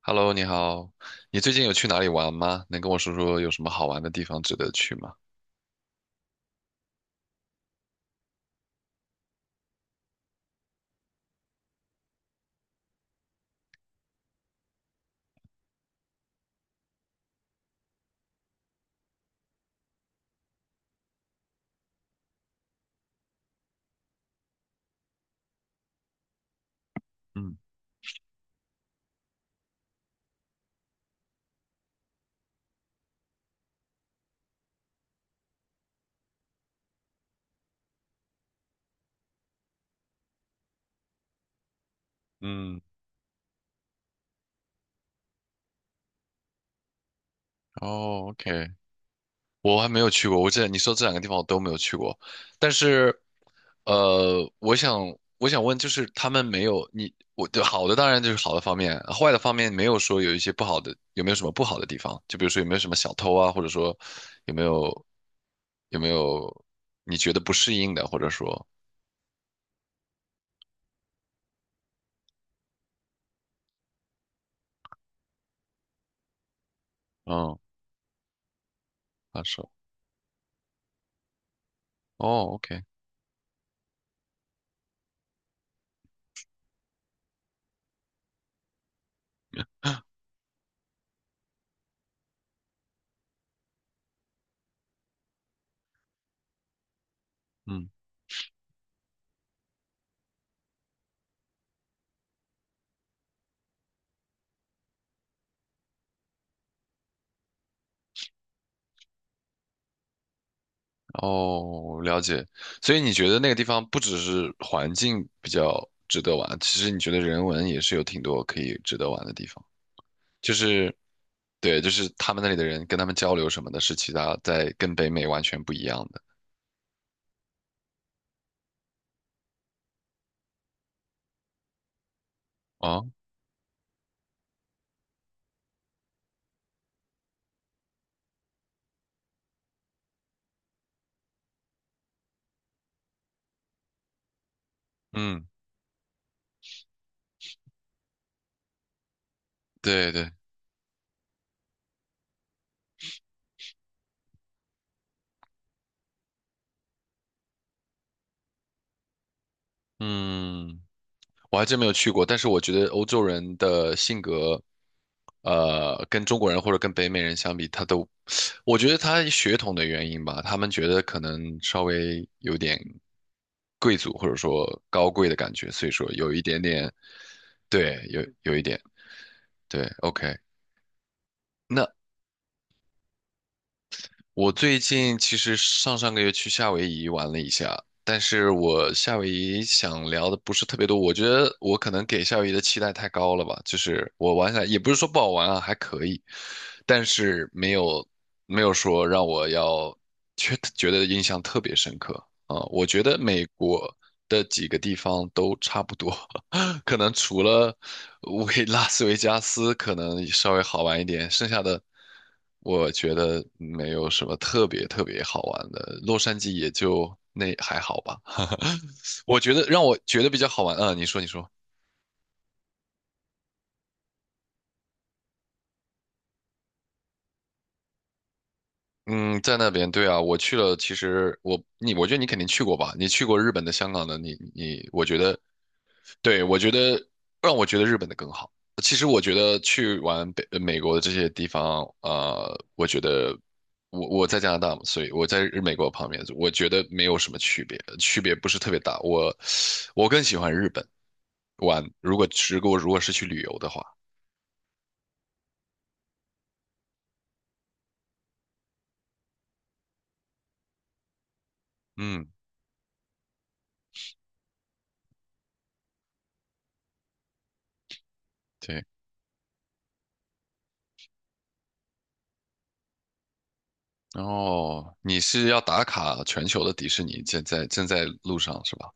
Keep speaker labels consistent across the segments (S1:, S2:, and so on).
S1: Hello，你好，你最近有去哪里玩吗？能跟我说说有什么好玩的地方值得去吗？嗯嗯，哦，OK，我还没有去过，我这你说这两个地方我都没有去过，但是，呃，我想我想问，就是他们没有你我对好的当然就是好的方面，坏的方面没有说有一些不好的，有没有什么不好的地方？就比如说有没有什么小偷啊，或者说有没有有没有你觉得不适应的，或者说嗯，他说，哦，OK。嗯。哦，了解。所以你觉得那个地方不只是环境比较值得玩，其实你觉得人文也是有挺多可以值得玩的地方。就是，对，就是他们那里的人跟他们交流什么的，是其他在跟北美完全不一样的。哦，嗯，对对，嗯。我还真没有去过，但是我觉得欧洲人的性格，跟中国人或者跟北美人相比，他都，我觉得他血统的原因吧，他们觉得可能稍微有点贵族或者说高贵的感觉，所以说有一点点，对，有一点，对，OK。那。我最近其实上上个月去夏威夷玩了一下，但是我夏威夷想聊的不是特别多，我觉得我可能给夏威夷的期待太高了吧，就是我玩下来也不是说不好玩啊，还可以，但是没有说让我要觉得印象特别深刻啊，我觉得美国的几个地方都差不多，可能除了维 拉斯维加斯可能稍微好玩一点，剩下的我觉得没有什么特别特别好玩的。洛杉矶也就那还好吧，我觉得让我觉得比较好玩嗯，你说你说。嗯，在那边，对啊，我去了。其实我你，我觉得你肯定去过吧？你去过日本的、香港的，我觉得，对，我觉得让我觉得日本的更好。其实我觉得去完美国的这些地方，我觉得我在加拿大嘛，所以我在美国旁边，我觉得没有什么区别，区别不是特别大。我更喜欢日本玩，如果是去旅游的话，嗯，对。哦，你是要打卡全球的迪士尼，现在正在路上是吧？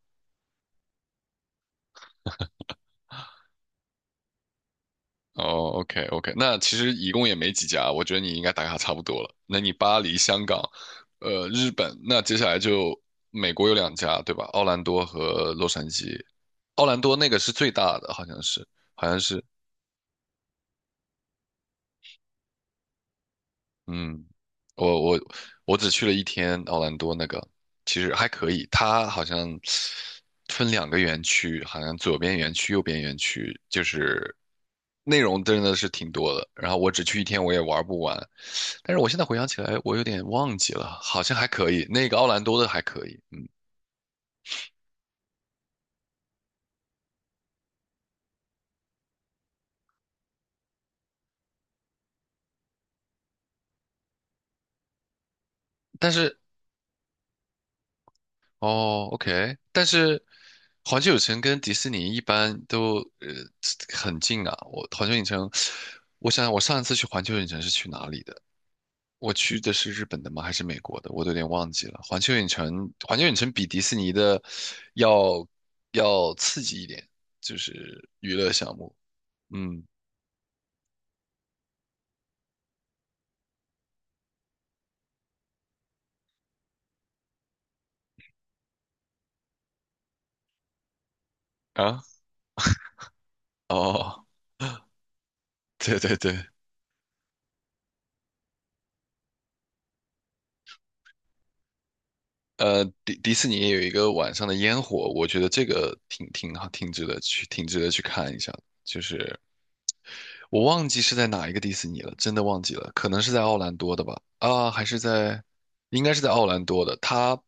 S1: 哦，OK OK，那其实一共也没几家，我觉得你应该打卡差不多了。那你巴黎、香港，日本，那接下来就美国有两家，对吧？奥兰多和洛杉矶。奥兰多那个是最大的，好像是，好像是，嗯，我我我只去了一天奥兰多那个，其实还可以。它好像分两个园区，好像左边园区、右边园区，就是内容真的是挺多的。然后我只去一天，我也玩不完。但是我现在回想起来，我有点忘记了，好像还可以。那个奥兰多的还可以，但是，哦，OK，但是环球影城跟迪士尼一般都很近啊。我环球影城，我想想，我上一次去环球影城是去哪里的？我去的是日本的吗？还是美国的？我都有点忘记了。环球影城比迪士尼的要要刺激一点，就是娱乐项目。嗯啊，哦，对对对，迪士尼也有一个晚上的烟火，我觉得这个挺好，挺值得去，挺值得去看一下的就是我忘记是在哪一个迪士尼了，真的忘记了，可能是在奥兰多的吧？啊，还是在，应该是在奥兰多的。他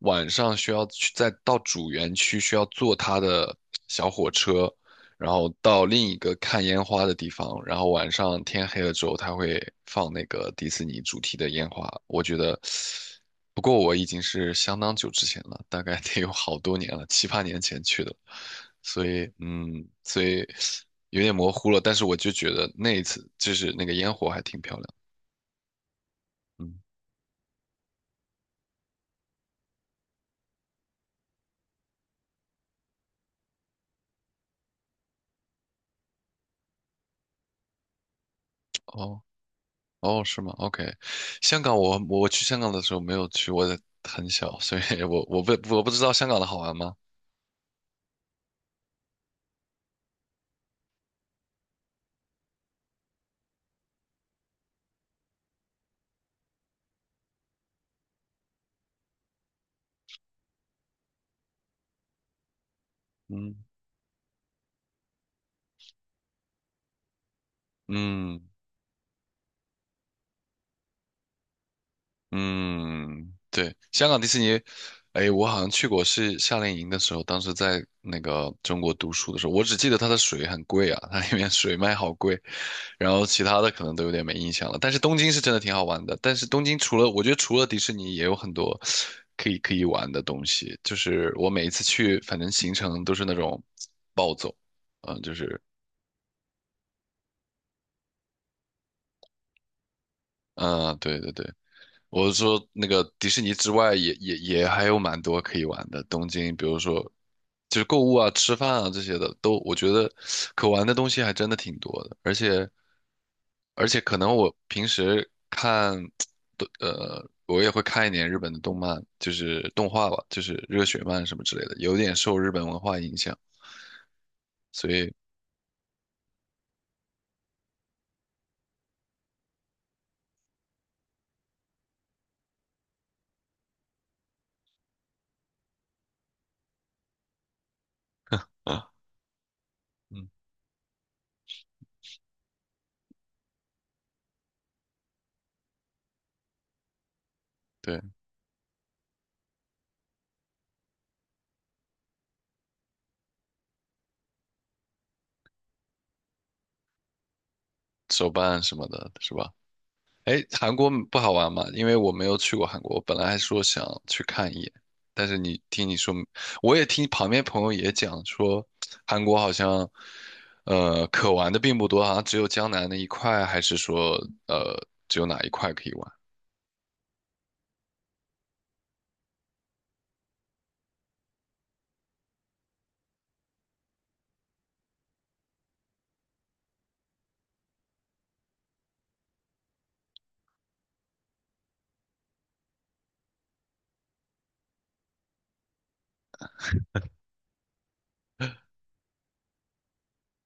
S1: 晚上需要去再到主园区，需要坐他的小火车，然后到另一个看烟花的地方，然后晚上天黑了之后，他会放那个迪士尼主题的烟花。我觉得，不过我已经是相当久之前了，大概得有好多年了，七八年前去的，所以，嗯，所以。有点模糊了，但是我就觉得那一次就是那个烟火还挺漂亮。嗯，哦哦，是吗？OK，香港我去香港的时候没有去，我很小，所以我不知道香港的好玩吗？嗯嗯。嗯，对，香港迪士尼，哎，我好像去过，是夏令营的时候，当时在那个中国读书的时候，我只记得它的水很贵啊，它里面水卖好贵，然后其他的可能都有点没印象了。但是东京是真的挺好玩的，但是东京除了我觉得除了迪士尼，也有很多可以玩的东西。就是我每一次去，反正行程都是那种暴走，嗯，就是嗯，对对对。我是说，那个迪士尼之外也，也还有蛮多可以玩的。东京，比如说，就是购物啊、吃饭啊这些的，都我觉得可玩的东西还真的挺多的。而且，可能我平时看，我也会看一点日本的动漫，就是动画吧，就是热血漫什么之类的，有点受日本文化影响，所以，啊，嗯，对，手办什么的，是吧？哎，韩国不好玩吗？因为我没有去过韩国，我本来还说想去看一眼，但是你听你说，我也听旁边朋友也讲说，韩国好像，可玩的并不多，好像只有江南那一块，还是说，呃，只有哪一块可以玩？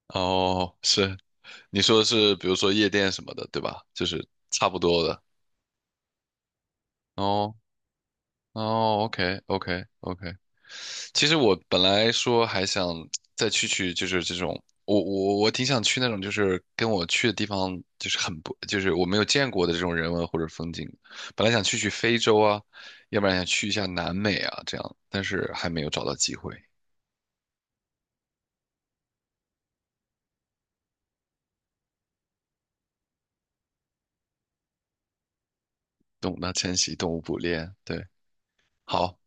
S1: 哦，是，你说的是比如说夜店什么的，对吧？就是差不多的。哦哦，OK OK OK，其实我本来说还想再去去，就是这种，我挺想去那种，就是跟我去的地方就是很不，就是我没有见过的这种人文或者风景。本来想去去非洲啊，要不然想去一下南美啊，这样，但是还没有找到机会。懂得珍惜，动物捕猎。对，好，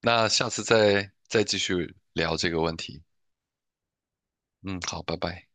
S1: 那下次再继续聊这个问题。嗯，好，拜拜。